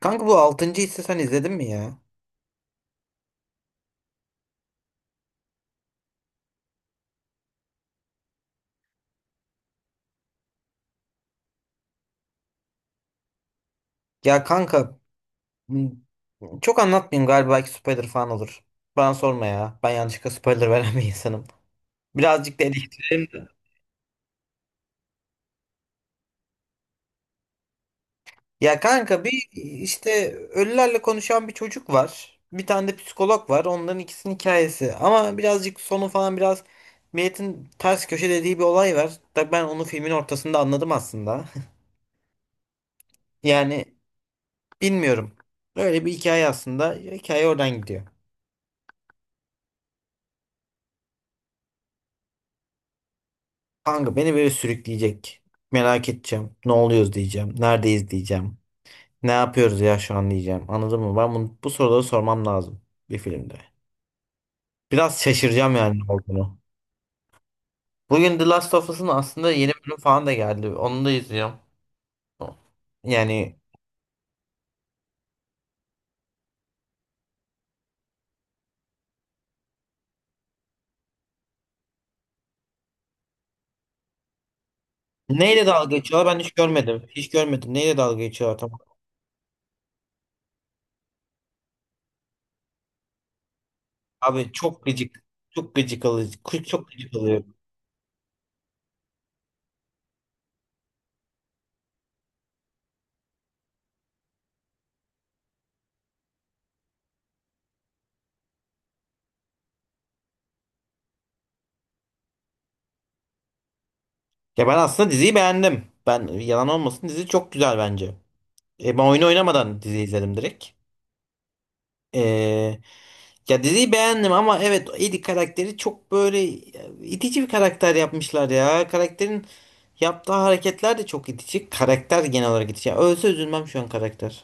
Kanka bu altıncı hissi sen izledin mi ya? Ya kanka m- çok anlatmayayım galiba belki spoiler falan olur. Bana sorma ya. Ben yanlışlıkla spoiler veren bir insanım. Birazcık deli. Ya kanka bir işte ölülerle konuşan bir çocuk var. Bir tane de psikolog var. Onların ikisinin hikayesi. Ama birazcık sonu falan biraz milletin ters köşe dediği bir olay var. Da ben onu filmin ortasında anladım aslında. Yani bilmiyorum. Öyle bir hikaye aslında. Hikaye oradan gidiyor. Kanka beni böyle sürükleyecek. Merak edeceğim. Ne oluyoruz diyeceğim. Neredeyiz diyeceğim. Ne yapıyoruz ya şu an diyeceğim. Anladın mı? Ben bu soruları sormam lazım bir filmde. Biraz şaşıracağım yani ne olduğunu. Bugün The Last of Us'ın aslında yeni bölüm falan da geldi. Onu da izliyorum. Yani neyle dalga geçiyorlar ben hiç görmedim. Hiç görmedim. Neyle dalga geçiyorlar tamam. Abi çok gıcık. Çok gıcık alıcı. Çok gıcık alıyor. Ya ben aslında diziyi beğendim. Ben yalan olmasın dizi çok güzel bence. E ben oyunu oynamadan dizi izledim direkt. Ee, ya diziyi beğendim ama evet Eddie karakteri çok böyle itici bir karakter yapmışlar ya. Karakterin yaptığı hareketler de çok itici. Karakter genel olarak itici. Ya ölse üzülmem şu an karakter.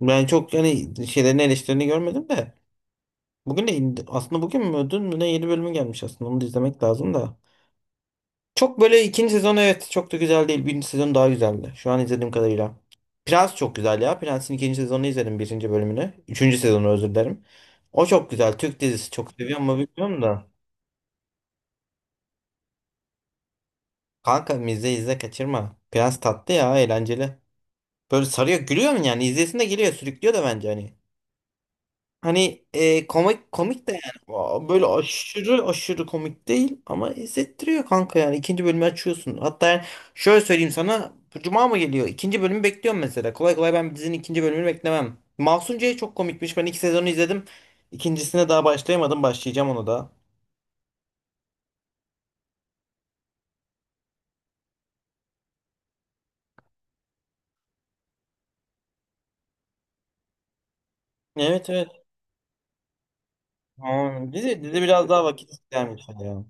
Ben çok hani şeylerin eleştirilerini görmedim de. Bugün de aslında bugün mü dün mü ne yeni bölümü gelmiş aslında onu da izlemek lazım da. Çok böyle ikinci sezon evet çok da güzel değil. Birinci sezon daha güzeldi. Şu an izlediğim kadarıyla. Prens çok güzel ya. Prens'in ikinci sezonunu izledim birinci bölümünü. Üçüncü sezonu özür dilerim. O çok güzel. Türk dizisi çok seviyorum ama bilmiyorum da. Kanka izle izle kaçırma. Prens tatlı ya eğlenceli. Böyle sarıyor gülüyor mu yani? İzlesin de geliyor sürüklüyor da bence hani. Hani komik komik de yani. Aa, böyle aşırı aşırı komik değil ama hissettiriyor kanka yani ikinci bölümü açıyorsun. Hatta yani şöyle söyleyeyim sana. Cuma mı geliyor? İkinci bölümü bekliyorum mesela. Kolay kolay ben dizinin ikinci bölümünü beklemem. Mahsun C'ye çok komikmiş. Ben iki sezonu izledim. İkincisine daha başlayamadım. Başlayacağım onu da. Evet, evet. Ha, dizi biraz daha vakit isteyen bir şey ya.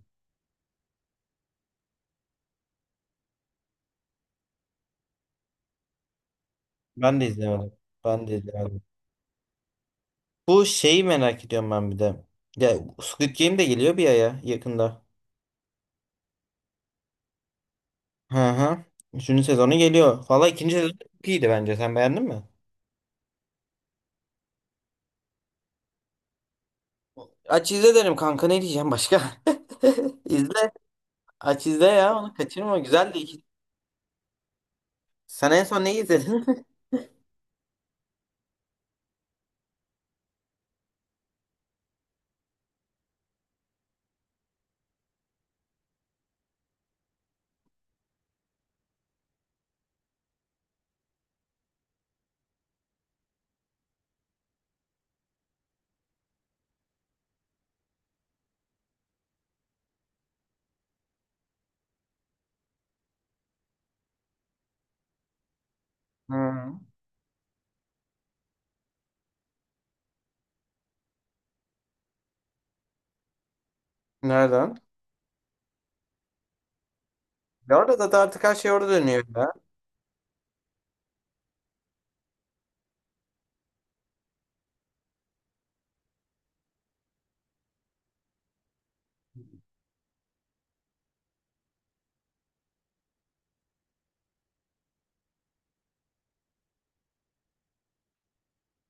Ben de izlemedim. Ben de izlemedim. Bu şeyi merak ediyorum ben bir de. Ya Squid Game de geliyor bir aya yakında. Hı hı. Üçüncü sezonu geliyor. Valla ikinci sezon çok iyiydi bence. Sen beğendin mi? Aç izle derim kanka ne diyeceğim başka? İzle. Aç izle ya onu kaçırma. Güzel de iki. Sen en son neyi izledin? Hı. Nereden? Ya orada da artık her şey orada dönüyor ya.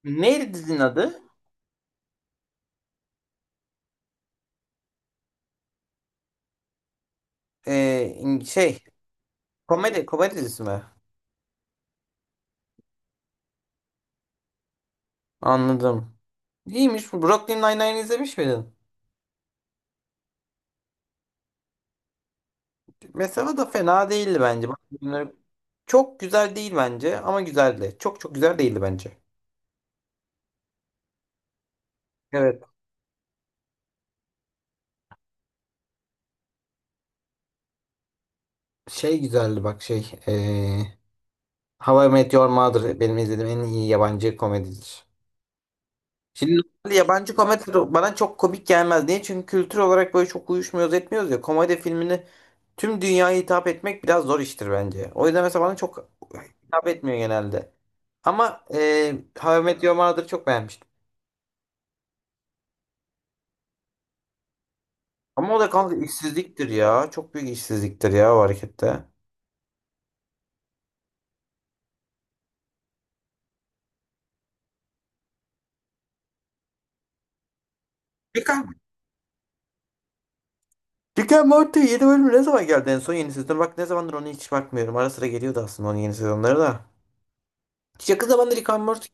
Neydi dizinin adı? Şey. Komedi. Komedi dizisi mi? Anladım. İyiymiş. Brooklyn Nine-Nine izlemiş miydin? Mesela da fena değildi bence. Bak, çok güzel değil bence ama güzeldi. Çok çok güzel değildi bence. Evet. Şey güzeldi bak şey. How I Met Your Mother benim izlediğim en iyi yabancı komedidir. Şimdi normalde yabancı komedi bana çok komik gelmez. Niye? Çünkü kültür olarak böyle çok uyuşmuyoruz etmiyoruz ya. Komedi filmini tüm dünyaya hitap etmek biraz zor iştir bence. O yüzden mesela bana çok hitap etmiyor genelde. Ama How I Met Your Mother'ı çok beğenmiştim. Ama o da kanka işsizliktir ya. Çok büyük işsizliktir ya o harekette. Peki Rick and Morty yeni bölümü ne zaman geldi en son yeni sezon? Bak ne zamandır ona hiç bakmıyorum. Ara sıra geliyordu aslında onun yeni sezonları da. Hiç yakın zamanda Rick and Morty.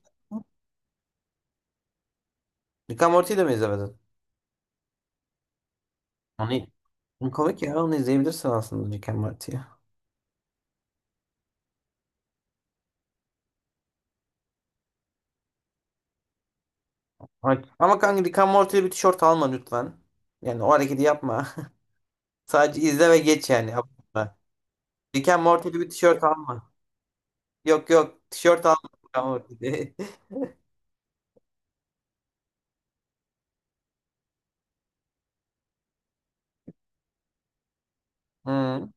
Rick and Morty'yi de mi izlemedin? Onu komik ya onu izleyebilirsin aslında Rick and Morty'yi. Ay. Ama kanka Rick and Morty'de bir tişört alma lütfen. Yani o hareketi yapma. Sadece izle ve geç yani. Yapma. Rick and Morty'de bir tişört alma. Yok yok tişört alma Rick and Morty'de. Hmm.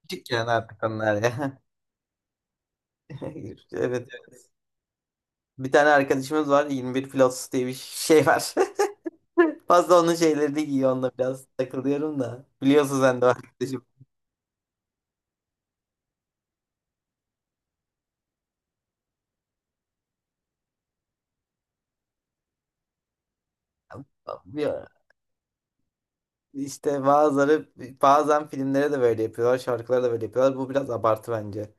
Küçük yani artık onlar ya. Evet. Bir tane arkadaşımız var 21 Plus diye bir şey var. Fazla onun şeylerini giyiyor onunla biraz takılıyorum da. Biliyorsun sen de o arkadaşım. Bir- İşte bazıları bazen filmlere de böyle yapıyorlar, şarkılara da böyle yapıyorlar. Bu biraz abartı bence.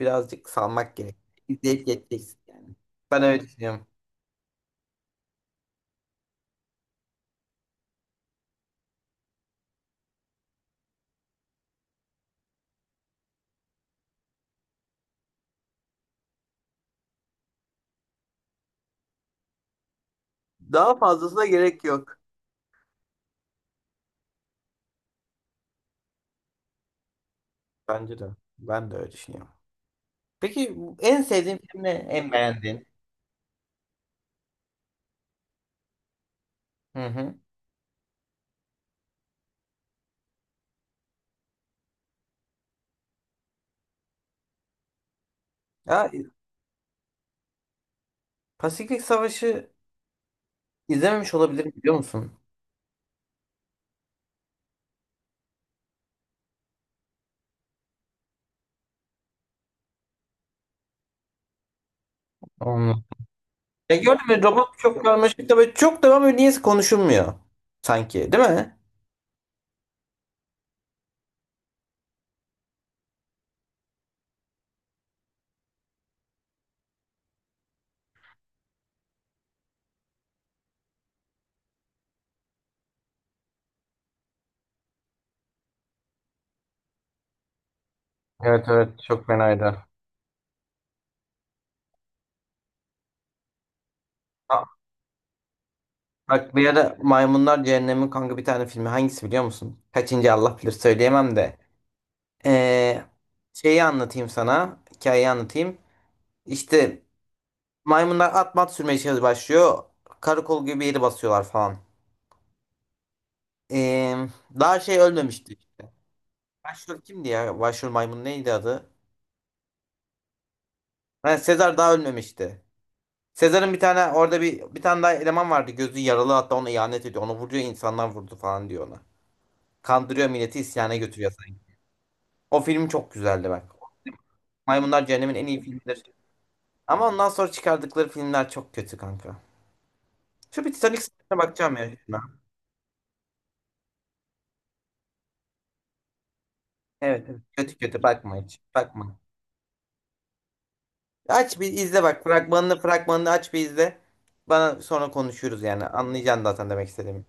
Birazcık salmak gerek. İzleyip geçeceksin yani. Ben öyle düşünüyorum. Daha fazlasına gerek yok. Bence de. Ben de öyle düşünüyorum. Peki en sevdiğin film ne? En beğendiğin? Hı hı. Ya Pasifik Savaşı izlememiş olabilirim biliyor musun? E gördün mü robot çok karmaşık da böyle çok da böyle niyeyse konuşulmuyor sanki değil mi? Evet, evet, çok fenaydı. Aa, bak bir ara Maymunlar Cehennem'in kanka bir tane filmi hangisi biliyor musun? Kaçıncı Allah bilir söyleyemem de. Ee, Şeyi anlatayım sana. Hikayeyi anlatayım. İşte maymunlar at mat sürmeye başlıyor. Karakol gibi bir yeri basıyorlar falan. Ee, Daha şey ölmemişti işte. Başrol kimdi ya? Başrol maymun neydi adı? Ha, Sezar daha ölmemişti. Sezar'ın bir tane orada bir tane daha eleman vardı. Gözü yaralı hatta ona ihanet ediyor. Onu vuruyor insanlar vurdu falan diyor ona. Kandırıyor milleti isyana götürüyor sanki. O film çok güzeldi bak. Maymunlar Cehennem'in en iyi filmidir. Ama ondan sonra çıkardıkları filmler çok kötü kanka. Şu bir Titanic sahnesine bakacağım ya. Şuna. Evet, evet. Kötü kötü bakma hiç. Bakma. Aç bir izle bak. Fragmanını fragmanını aç bir izle. Bana sonra konuşuruz yani. Anlayacaksın zaten demek istediğimi.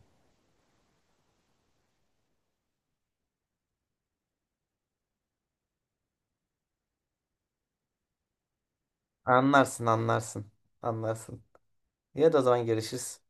Anlarsın anlarsın. Anlarsın. Ya da o zaman görüşürüz.